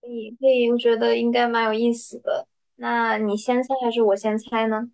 可以可以，我觉得应该蛮有意思的。那你先猜还是我先猜呢？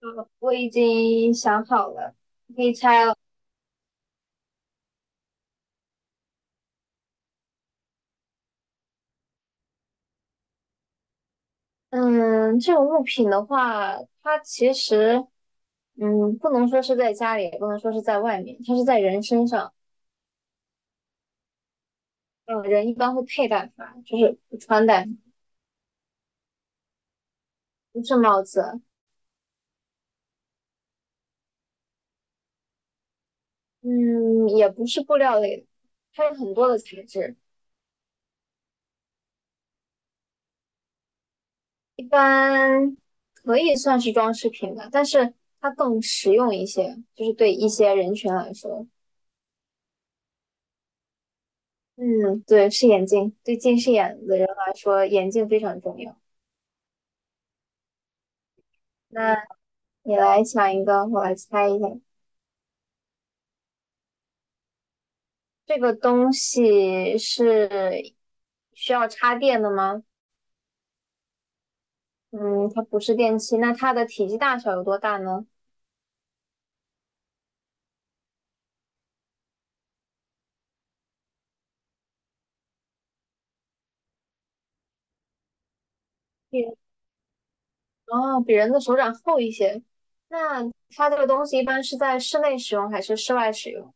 我已经想好了，你可以猜了。嗯，这种物品的话，它其实不能说是在家里，也不能说是在外面，它是在人身上。嗯，人一般会佩戴它，就是穿戴，不是帽子。嗯，也不是布料类的，它有很多的材质。一般可以算是装饰品吧，但是它更实用一些，就是对一些人群来说。嗯，对，是眼镜，对近视眼的人来说，眼镜非常重要。那你来想一个，我来猜一下，这个东西是需要插电的吗？嗯，它不是电器，那它的体积大小有多大呢？比哦，比人的手掌厚一些。那它这个东西一般是在室内使用还是室外使用？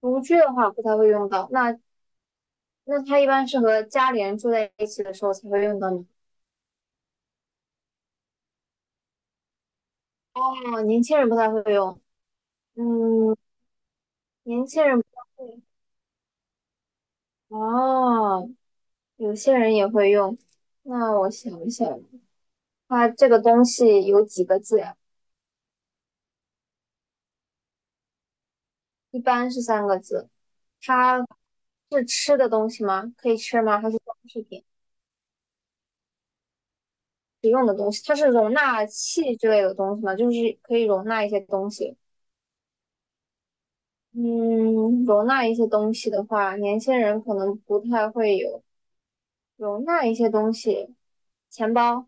独居的话不太会用到，那它一般是和家里人住在一起的时候才会用到呢。哦，年轻人不太会用，嗯，年轻人不太会。哦，有些人也会用。那我想一想，它这个东西有几个字呀？一般是三个字。它是吃的东西吗？可以吃吗？还是装饰品？使用的东西？它是容纳器之类的东西吗？就是可以容纳一些东西。嗯，容纳一些东西的话，年轻人可能不太会有容纳一些东西，钱包、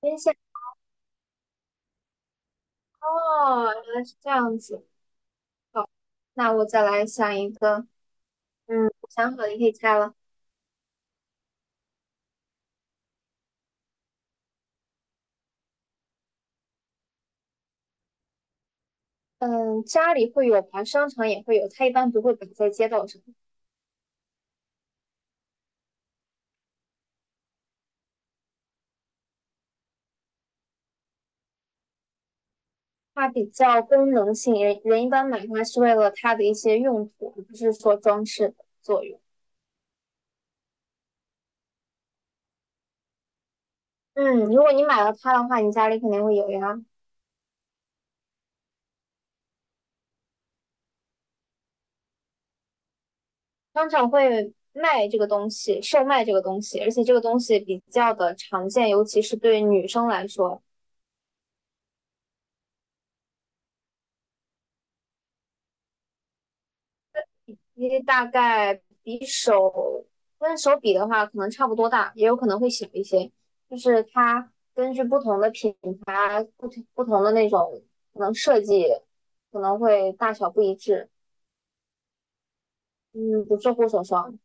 边线。哦，原来是这样子。好，那我再来想一个。嗯，我想好了，你可以猜了。嗯，家里会有吧，商场也会有，它一般不会摆在街道上，它比较功能性，人人一般买它是为了它的一些用途，而不是说装饰的作用。嗯，如果你买了它的话，你家里肯定会有呀。商场会卖这个东西，售卖这个东西，而且这个东西比较的常见，尤其是对女生来说，因为大概比手跟手比的话，可能差不多大，也有可能会小一些。就是它根据不同的品牌、不同的那种可能设计，可能会大小不一致。嗯，不是护手霜，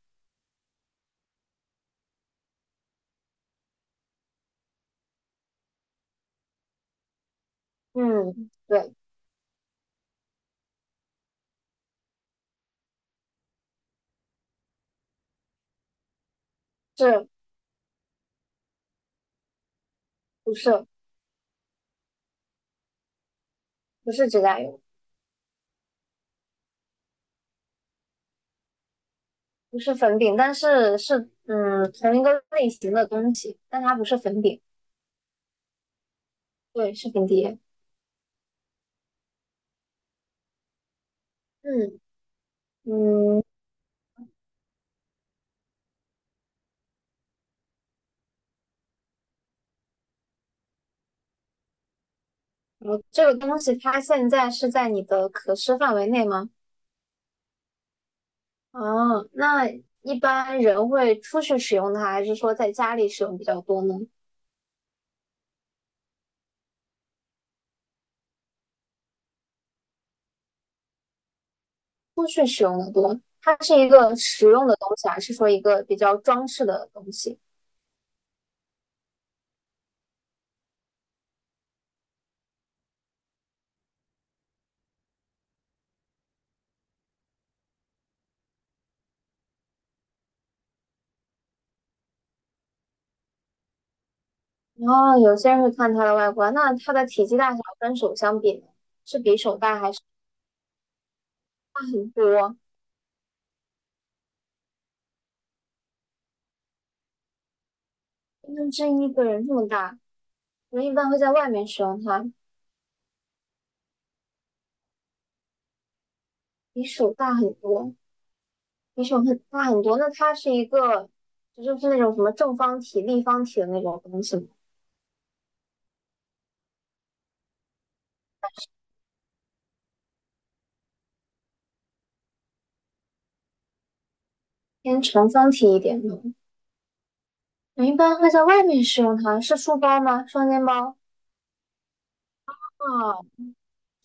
嗯，对，是不是不是指甲油？不是粉饼，但是是嗯同一个类型的东西，但它不是粉饼，对，是粉碟。嗯嗯，我这个东西它现在是在你的可视范围内吗？啊，那一般人会出去使用它，还是说在家里使用比较多呢？出去使用的多，它是一个实用的东西，还是说一个比较装饰的东西？哦，有些人会看它的外观，那它的体积大小跟手相比呢，是比手大还是很多？就真一个人这么大，人一般会在外面使用它，比手大很多，比手很大很多。那它是一个，这就是那种什么正方体、立方体的那种东西吗？偏长方体一点的。人一般会在外面使用它，是书包吗？双肩包啊，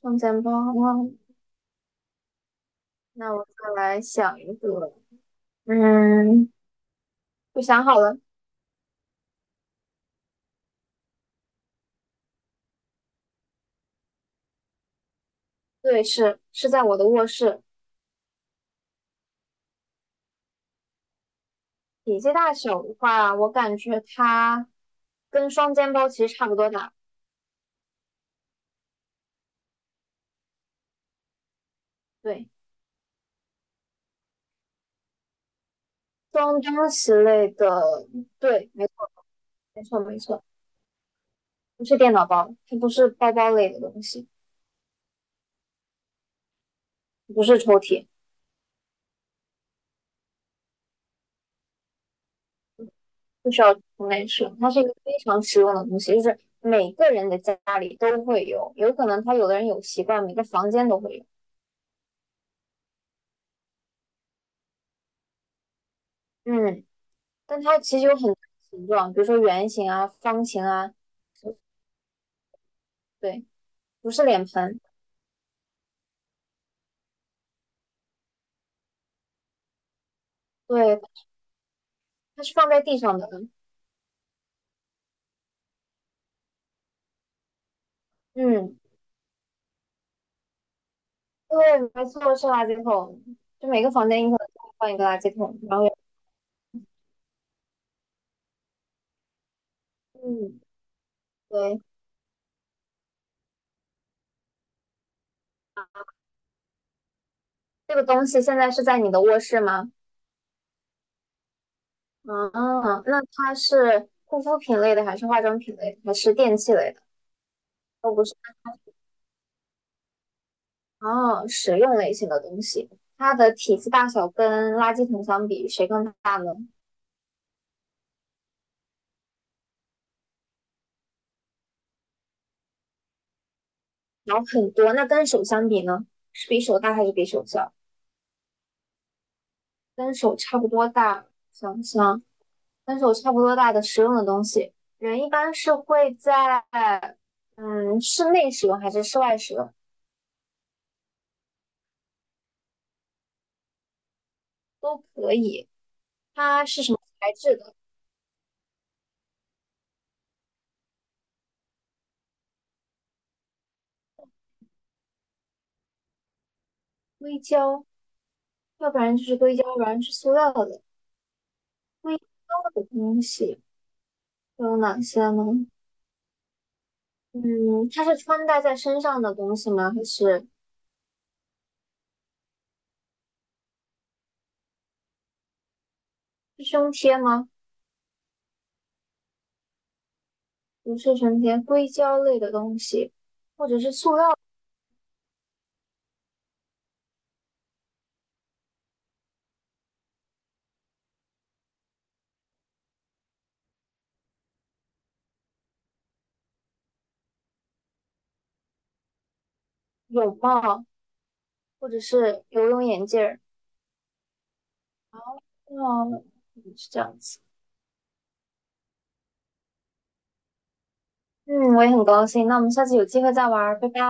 双肩包哇。那我再来想一个，嗯，我想好了，对，是在我的卧室。体积大小的话，我感觉它跟双肩包其实差不多大，对。装东西类的，对，没错，没错，没错，不是电脑包，它不是包包类的东西，不是抽屉，不需要从内吃，它是一个非常实用的东西，就是每个人的家里都会有，有可能他有的人有习惯，每个房间都会有，嗯，但它其实有很多形状，比如说圆形啊、方形啊，对，不是脸盆，对，它是放在地上的，嗯，对，没错，是垃圾桶，就每个房间你可能都会放一个垃圾桶，然后嗯。对，这个东西现在是在你的卧室吗？嗯，那它是护肤品类的，还是化妆品类的还是电器类的？都不是。哦，实用类型的东西，它的体积大小跟垃圾桶相比，谁更大呢？然后很多，那跟手相比呢？是比手大还是比手小？跟手差不多大，想想跟手差不多大的实用的东西，人一般是会在嗯室内使用还是室外使用都可以。它是什么材质的？硅胶，要不然就是硅胶，要不然是塑料的。硅胶的东西都有哪些呢？嗯，它是穿戴在身上的东西吗？还是是胸贴吗？不是胸贴，硅胶类的东西，或者是塑料泳帽，或者是游泳眼镜儿。哦，嗯是这样子。嗯，我也很高兴。那我们下次有机会再玩儿，拜拜。